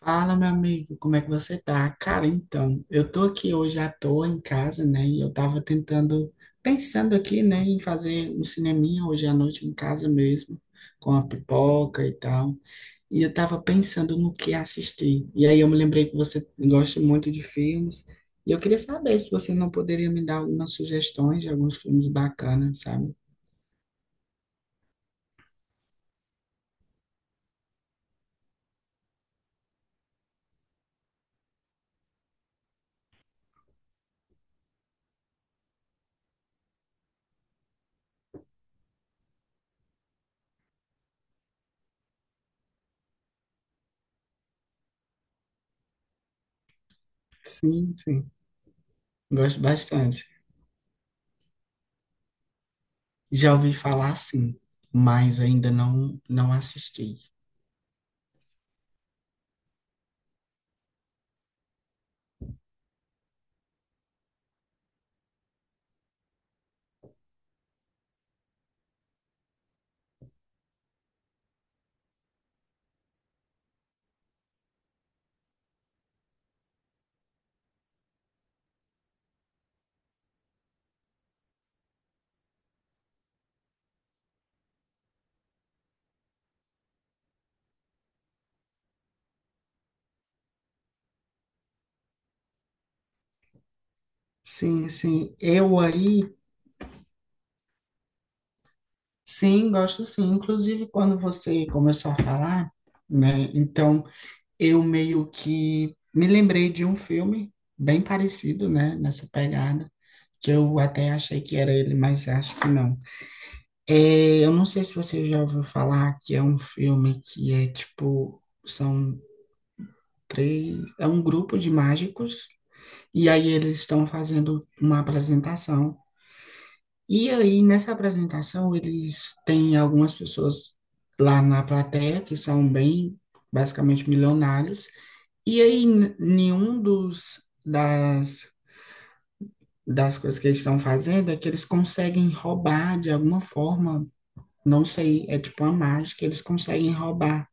Fala, meu amigo, como é que você tá? Cara, então, eu tô aqui hoje à toa em casa, né? E eu tava tentando, pensando aqui, né, em fazer um cineminha hoje à noite em casa mesmo, com a pipoca e tal. E eu tava pensando no que assistir. E aí eu me lembrei que você gosta muito de filmes. E eu queria saber se você não poderia me dar algumas sugestões de alguns filmes bacanas, sabe? Sim, sim. Gosto bastante. Já ouvi falar sim, mas ainda não assisti. Sim, sim. Eu aí, sim, gosto sim. Inclusive, quando você começou a falar, né? Então, eu meio que me lembrei de um filme bem parecido, né? Nessa pegada, que eu até achei que era ele, mas acho que não. É, eu não sei se você já ouviu falar que é um filme que é tipo, são três, é um grupo de mágicos, e aí eles estão fazendo uma apresentação. E aí, nessa apresentação, eles têm algumas pessoas lá na plateia que são bem, basicamente, milionários. E aí, nenhum das coisas que eles estão fazendo é que eles conseguem roubar, de alguma forma, não sei, é tipo uma mágica, eles conseguem roubar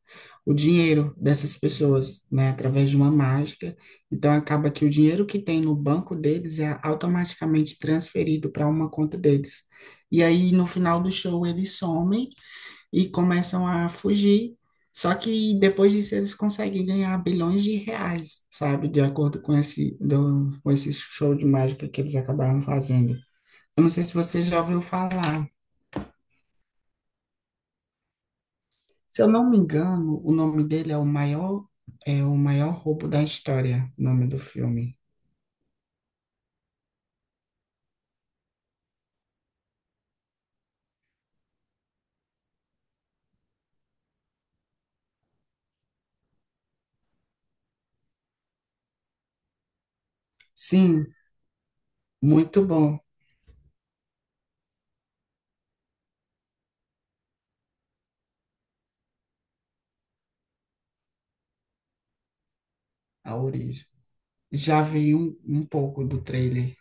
o dinheiro dessas pessoas, né, através de uma mágica. Então acaba que o dinheiro que tem no banco deles é automaticamente transferido para uma conta deles. E aí no final do show eles somem e começam a fugir. Só que depois disso eles conseguem ganhar bilhões de reais, sabe, de acordo com esse com esse show de mágica que eles acabaram fazendo. Eu não sei se você já ouviu falar. Se eu não me engano, o nome dele é é o maior roubo da história, o nome do filme. Sim, muito bom a origem. Já vi um, um pouco do trailer.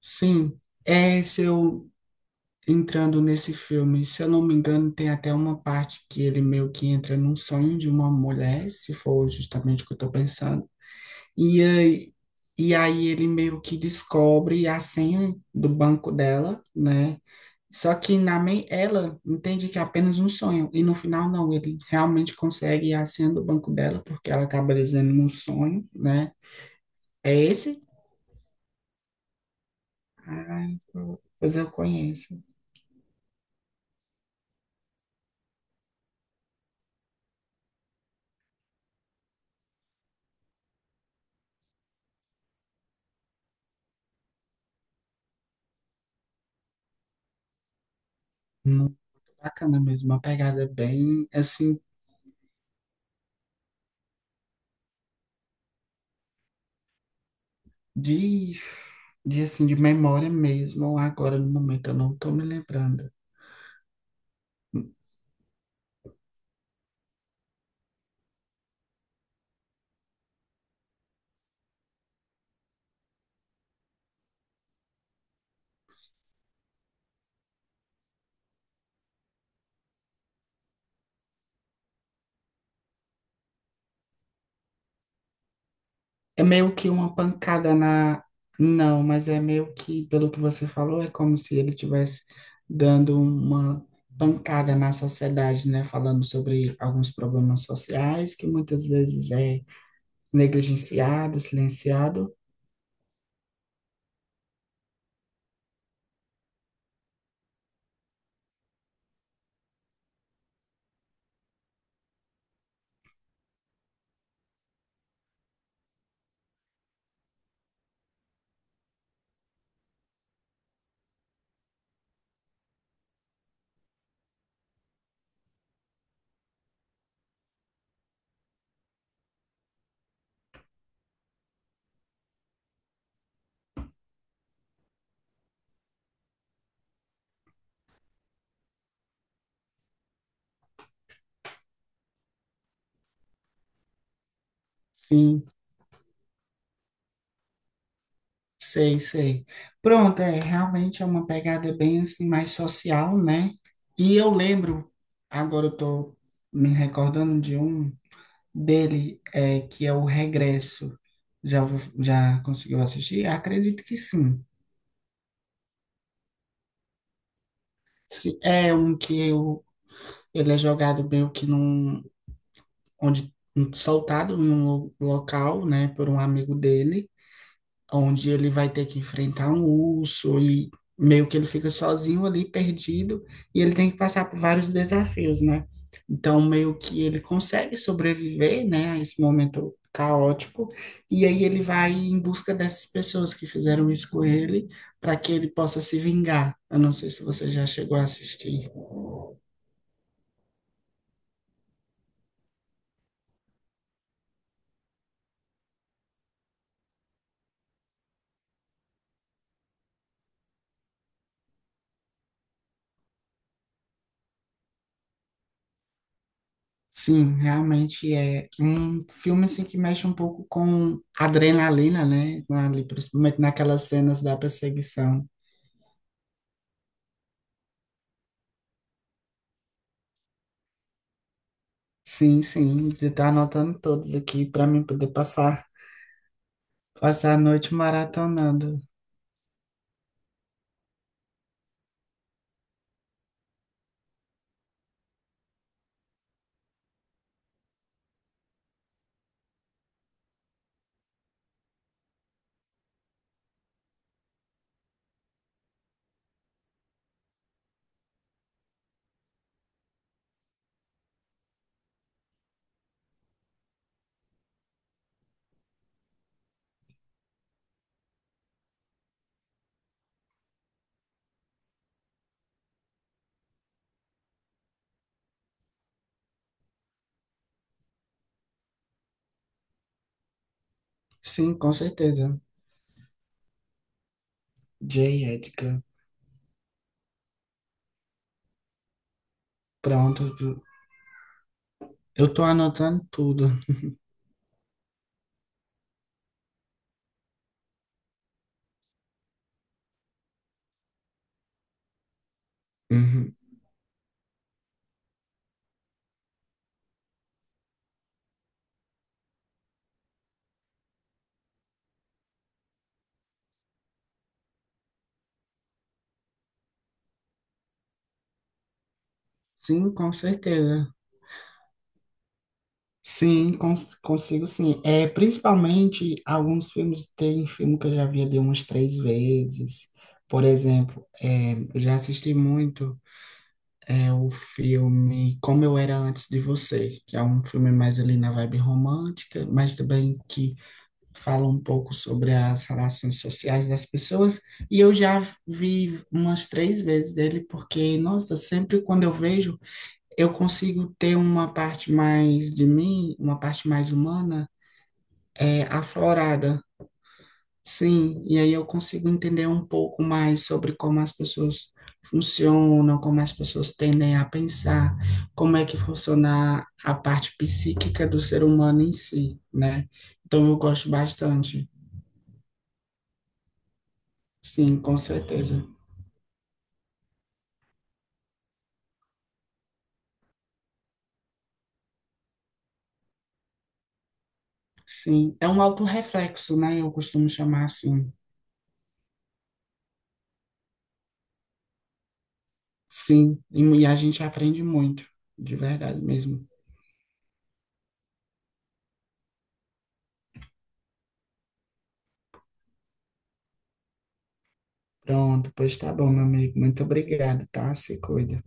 Sim, é se eu entrando nesse filme, se eu não me engano, tem até uma parte que ele meio que entra num sonho de uma mulher, se for justamente o que eu estou pensando. E aí, e aí ele meio que descobre a senha do banco dela, né? Só que ela entende que é apenas um sonho, e no final não, ele realmente consegue a senha do banco dela, porque ela acaba dizendo num sonho, né? É esse? Ah, pois eu conheço. Muito bacana mesmo, uma pegada bem, assim, de, assim, de memória mesmo, agora no momento eu não tô me lembrando. É meio que uma pancada na. Não, mas é meio que, pelo que você falou, é como se ele tivesse dando uma pancada na sociedade, né? Falando sobre alguns problemas sociais que muitas vezes é negligenciado, silenciado. Sim, sei, sei. Pronto, é realmente é uma pegada bem assim mais social, né? E eu lembro, agora eu tô me recordando de um dele, é, que é o Regresso. Já, já conseguiu assistir? Acredito que sim. Se é um que eu, ele é jogado meio que num, onde, soltado em um local, né, por um amigo dele, onde ele vai ter que enfrentar um urso e meio que ele fica sozinho ali, perdido, e ele tem que passar por vários desafios, né? Então, meio que ele consegue sobreviver, né, a esse momento caótico, e aí ele vai em busca dessas pessoas que fizeram isso com ele, para que ele possa se vingar. Eu não sei se você já chegou a assistir. Sim, realmente é um filme assim que mexe um pouco com adrenalina, né? Ali, principalmente naquelas cenas da perseguição. Sim, sim, você tá anotando todos aqui para mim poder passar, passar a noite maratonando. Sim, com certeza. Jay, Edgar, pronto. Eu tô anotando tudo. Uhum. Sim, com certeza. Sim, consigo sim. É, principalmente alguns filmes, tem filme que eu já vi ali umas três vezes. Por exemplo, é, eu já assisti muito. É o filme Como Eu Era Antes de Você, que é um filme mais ali na vibe romântica, mas também que fala um pouco sobre as relações sociais das pessoas. E eu já vi umas três vezes ele, porque, nossa, sempre quando eu vejo, eu consigo ter uma parte mais de mim, uma parte mais humana, é, aflorada. Sim, e aí eu consigo entender um pouco mais sobre como as pessoas funcionam, como as pessoas tendem a pensar, como é que funciona a parte psíquica do ser humano em si, né? Então eu gosto bastante. Sim, com certeza. Sim, é um autorreflexo, né? Eu costumo chamar assim. Sim, e a gente aprende muito, de verdade mesmo. Pronto, pois tá bom, meu amigo. Muito obrigado, tá? Se cuida.